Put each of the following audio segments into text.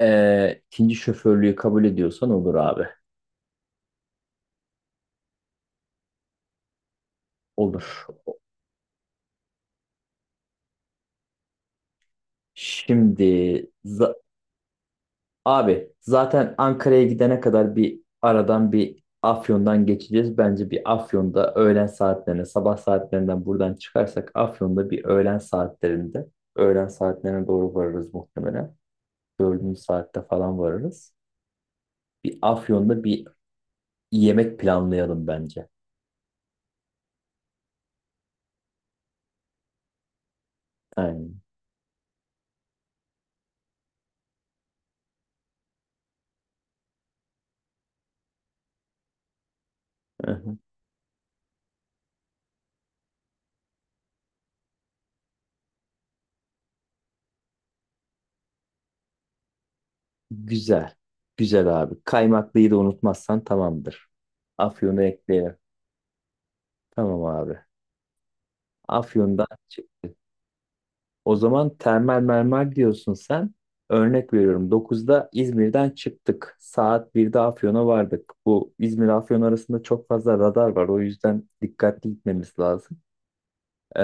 İkinci şoförlüğü kabul ediyorsan olur abi. Olur. Şimdi za- abi zaten Ankara'ya gidene kadar bir aradan bir Afyon'dan geçeceğiz. Bence bir Afyon'da öğlen saatlerine, sabah saatlerinden buradan çıkarsak Afyon'da bir öğlen saatlerinde, öğlen saatlerine doğru varırız muhtemelen. Dördüncü saatte falan varırız. Bir Afyon'da bir yemek planlayalım bence. Aynen. Güzel. Güzel abi. Kaymaklıyı da unutmazsan tamamdır. Afyon'u ekleyelim. Tamam abi. Afyon'dan çıktı. O zaman termal mermer diyorsun sen. Örnek veriyorum. 9'da İzmir'den çıktık. Saat 1'de Afyon'a vardık. Bu İzmir Afyon arasında çok fazla radar var. O yüzden dikkatli gitmemiz lazım. Ee,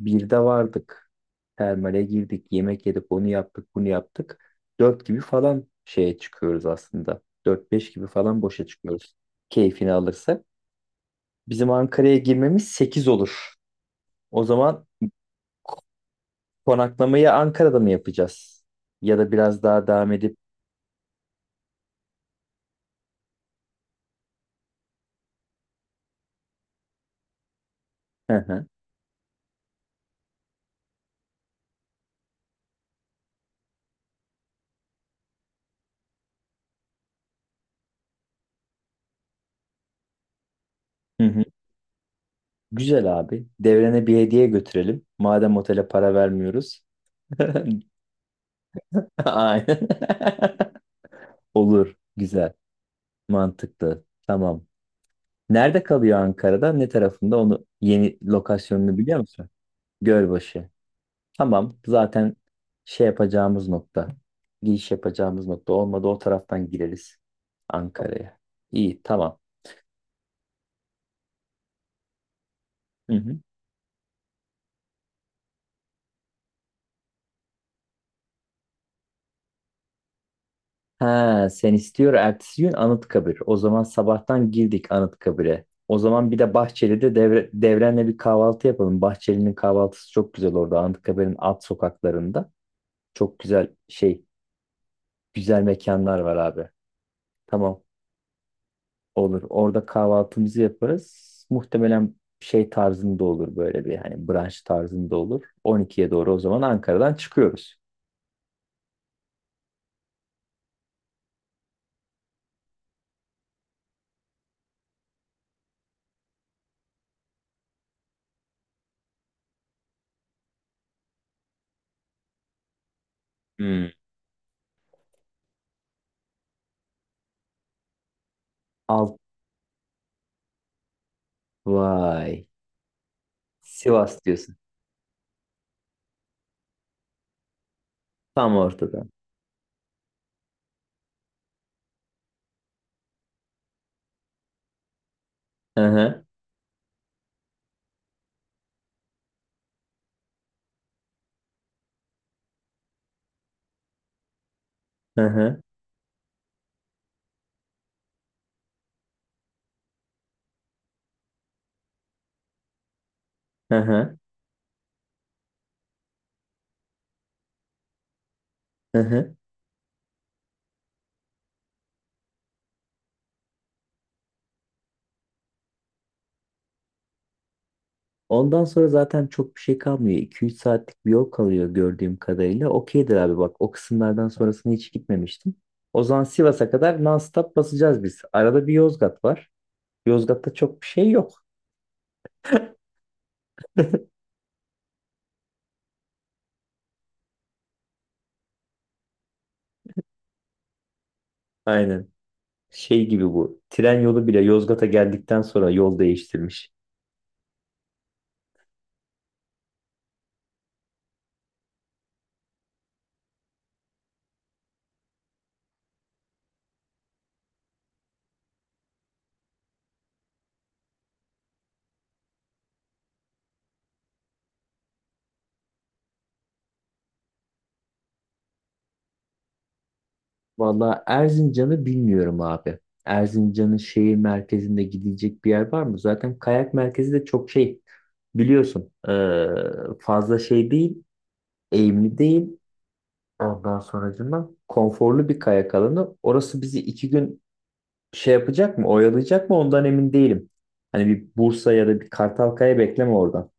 Birde vardık. Termale girdik. Yemek yedik. Onu yaptık. Bunu yaptık. Dört gibi falan şeye çıkıyoruz aslında. Dört beş gibi falan boşa çıkıyoruz. Keyfini alırsak. Bizim Ankara'ya girmemiz 8 olur. O zaman konaklamayı Ankara'da mı yapacağız? Ya da biraz daha devam edip... Hı hı. Hı hı. Güzel abi. Devrene bir hediye götürelim. Madem otele para vermiyoruz. Aynen. Olur. Güzel. Mantıklı. Tamam. Nerede kalıyor Ankara'da? Ne tarafında? Onu yeni lokasyonunu biliyor musun? Gölbaşı. Tamam. Zaten şey yapacağımız nokta. Giriş yapacağımız nokta. Olmadı o taraftan gireriz Ankara'ya. İyi tamam. Hı hı. Ha, sen istiyor ertesi gün Anıtkabir. O zaman sabahtan girdik Anıtkabir'e. O zaman bir de Bahçeli'de devre, Devren'le bir kahvaltı yapalım. Bahçeli'nin kahvaltısı çok güzel orada. Anıtkabir'in alt sokaklarında. Çok güzel şey, güzel mekanlar var abi. Tamam. Olur. Orada kahvaltımızı yaparız. Muhtemelen şey tarzında olur böyle bir hani brunch tarzında olur. 12'ye doğru o zaman Ankara'dan çıkıyoruz. Hmm. Alt vay. Sivas diyorsun. Tam ortada. Hı hı. Hı hı. Hı hı. Hı hı. Ondan sonra zaten çok bir şey kalmıyor. 2-3 saatlik bir yol kalıyor gördüğüm kadarıyla. Okeydir abi bak o kısımlardan sonrasını hiç gitmemiştim. O zaman Sivas'a kadar non-stop basacağız biz. Arada bir Yozgat var. Yozgat'ta çok bir şey yok. Aynen. Şey gibi bu. Tren yolu bile Yozgat'a geldikten sonra yol değiştirmiş. Vallahi Erzincan'ı bilmiyorum abi. Erzincan'ın şehir merkezinde gidecek bir yer var mı? Zaten kayak merkezi de çok şey biliyorsun, fazla şey değil, eğimli değil. Ondan sonracığıma konforlu bir kayak alanı. Orası bizi 2 gün şey yapacak mı, oyalayacak mı ondan emin değilim. Hani bir Bursa ya da bir Kartalkaya bekleme oradan.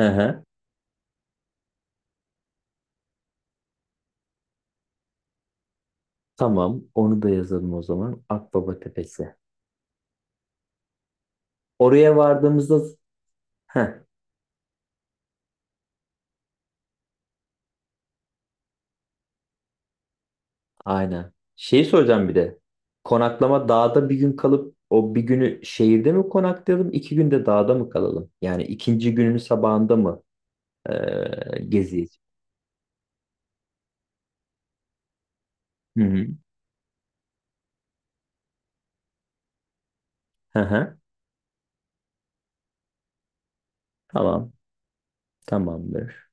Hı hı. Tamam, onu da yazalım o zaman. Akbaba Tepesi. Oraya vardığımızda heh, aynen. Şeyi soracağım bir de. Konaklama dağda bir gün kalıp o bir günü şehirde mi konaklayalım, 2 günde dağda mı kalalım? Yani ikinci günün sabahında mı gezeceğiz? Hı hı. Hı hı. Tamam. Tamamdır.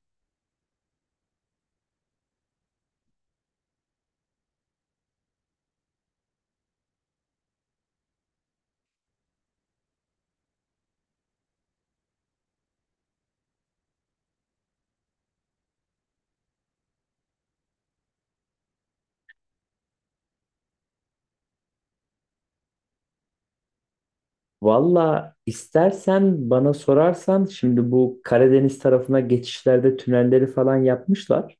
Valla istersen bana sorarsan şimdi bu Karadeniz tarafına geçişlerde tünelleri falan yapmışlar.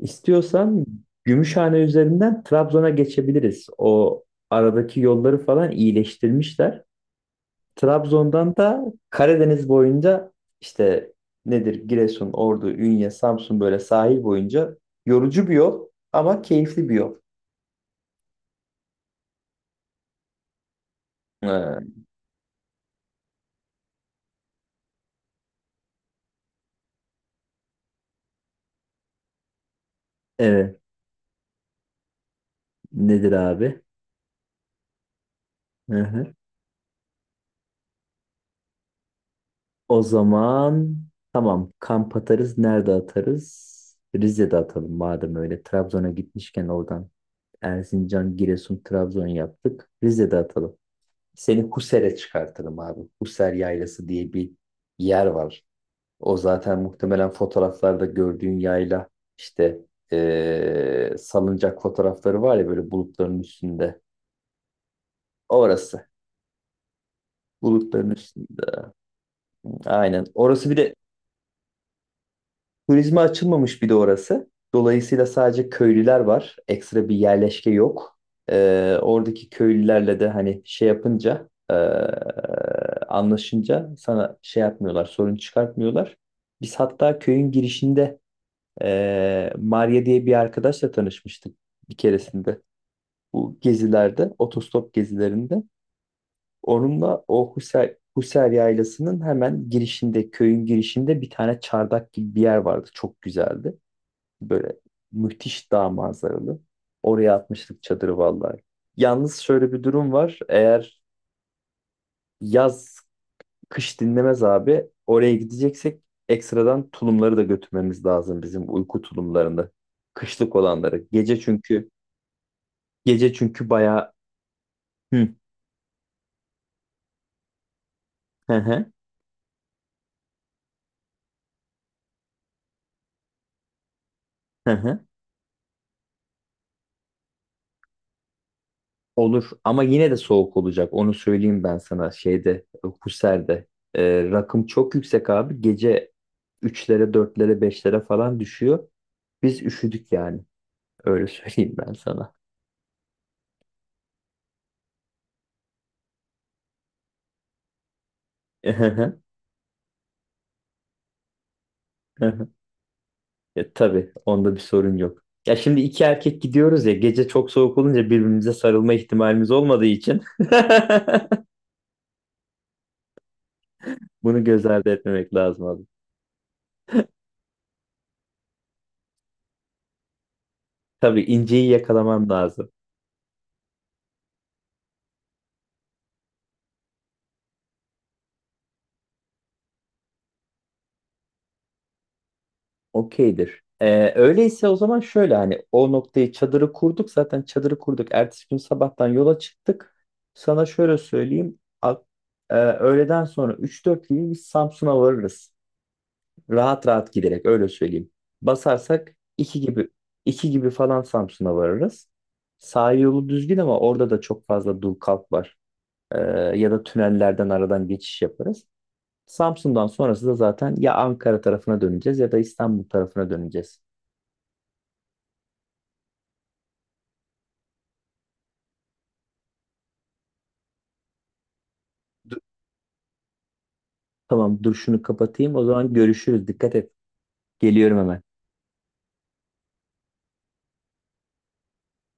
İstiyorsan Gümüşhane üzerinden Trabzon'a geçebiliriz. O aradaki yolları falan iyileştirmişler. Trabzon'dan da Karadeniz boyunca işte nedir Giresun, Ordu, Ünye, Samsun böyle sahil boyunca yorucu bir yol ama keyifli bir yol. Ha, evet. Nedir abi? Hı hı. O zaman tamam kamp atarız. Nerede atarız? Rize'de atalım madem öyle. Trabzon'a gitmişken oradan Erzincan, Giresun, Trabzon yaptık. Rize'de atalım. Seni Huser'e çıkartırım abi. Huser Yaylası diye bir yer var. O zaten muhtemelen fotoğraflarda gördüğün yayla işte, salıncak fotoğrafları var ya böyle bulutların üstünde. Orası. Bulutların üstünde. Aynen. Orası bir de turizme açılmamış bir de orası. Dolayısıyla sadece köylüler var. Ekstra bir yerleşke yok. Oradaki köylülerle de hani şey yapınca, anlaşınca sana şey yapmıyorlar, sorun çıkartmıyorlar. Biz hatta köyün girişinde Maria diye bir arkadaşla tanışmıştık bir keresinde. Bu gezilerde, otostop gezilerinde. Onunla o Husser, Husser Yaylası'nın hemen girişinde, köyün girişinde bir tane çardak gibi bir yer vardı. Çok güzeldi. Böyle müthiş dağ manzaralı. Oraya atmıştık çadırı vallahi. Yalnız şöyle bir durum var. Eğer yaz kış dinlemez abi. Oraya gideceksek ekstradan tulumları da götürmemiz lazım bizim uyku tulumlarını. Kışlık olanları. Gece çünkü bayağı hı hı, hı hı. Hı. Olur ama yine de soğuk olacak. Onu söyleyeyim ben sana şeyde, Husser'de. Rakım çok yüksek abi. Gece üçlere dörtlere beşlere falan düşüyor. Biz üşüdük yani. Öyle söyleyeyim ben sana. Ya, tabii onda bir sorun yok. Ya şimdi iki erkek gidiyoruz ya gece çok soğuk olunca birbirimize sarılma ihtimalimiz olmadığı için bunu göz ardı etmemek lazım abi. Tabii inceyi yakalaman lazım. Okeydir. Öyleyse o zaman şöyle hani o noktayı çadırı kurduk zaten çadırı kurduk. Ertesi gün sabahtan yola çıktık. Sana şöyle söyleyeyim. Öğleden sonra 3-4 gibi biz Samsun'a varırız. Rahat rahat giderek öyle söyleyeyim. Basarsak 2 gibi, 2 gibi falan Samsun'a varırız. Sahil yolu düzgün ama orada da çok fazla dur kalk var. Ee, Ya da tünellerden aradan geçiş yaparız. Samsun'dan sonrası da zaten ya Ankara tarafına döneceğiz ya da İstanbul tarafına döneceğiz. Tamam dur şunu kapatayım o zaman görüşürüz. Dikkat et. Geliyorum hemen.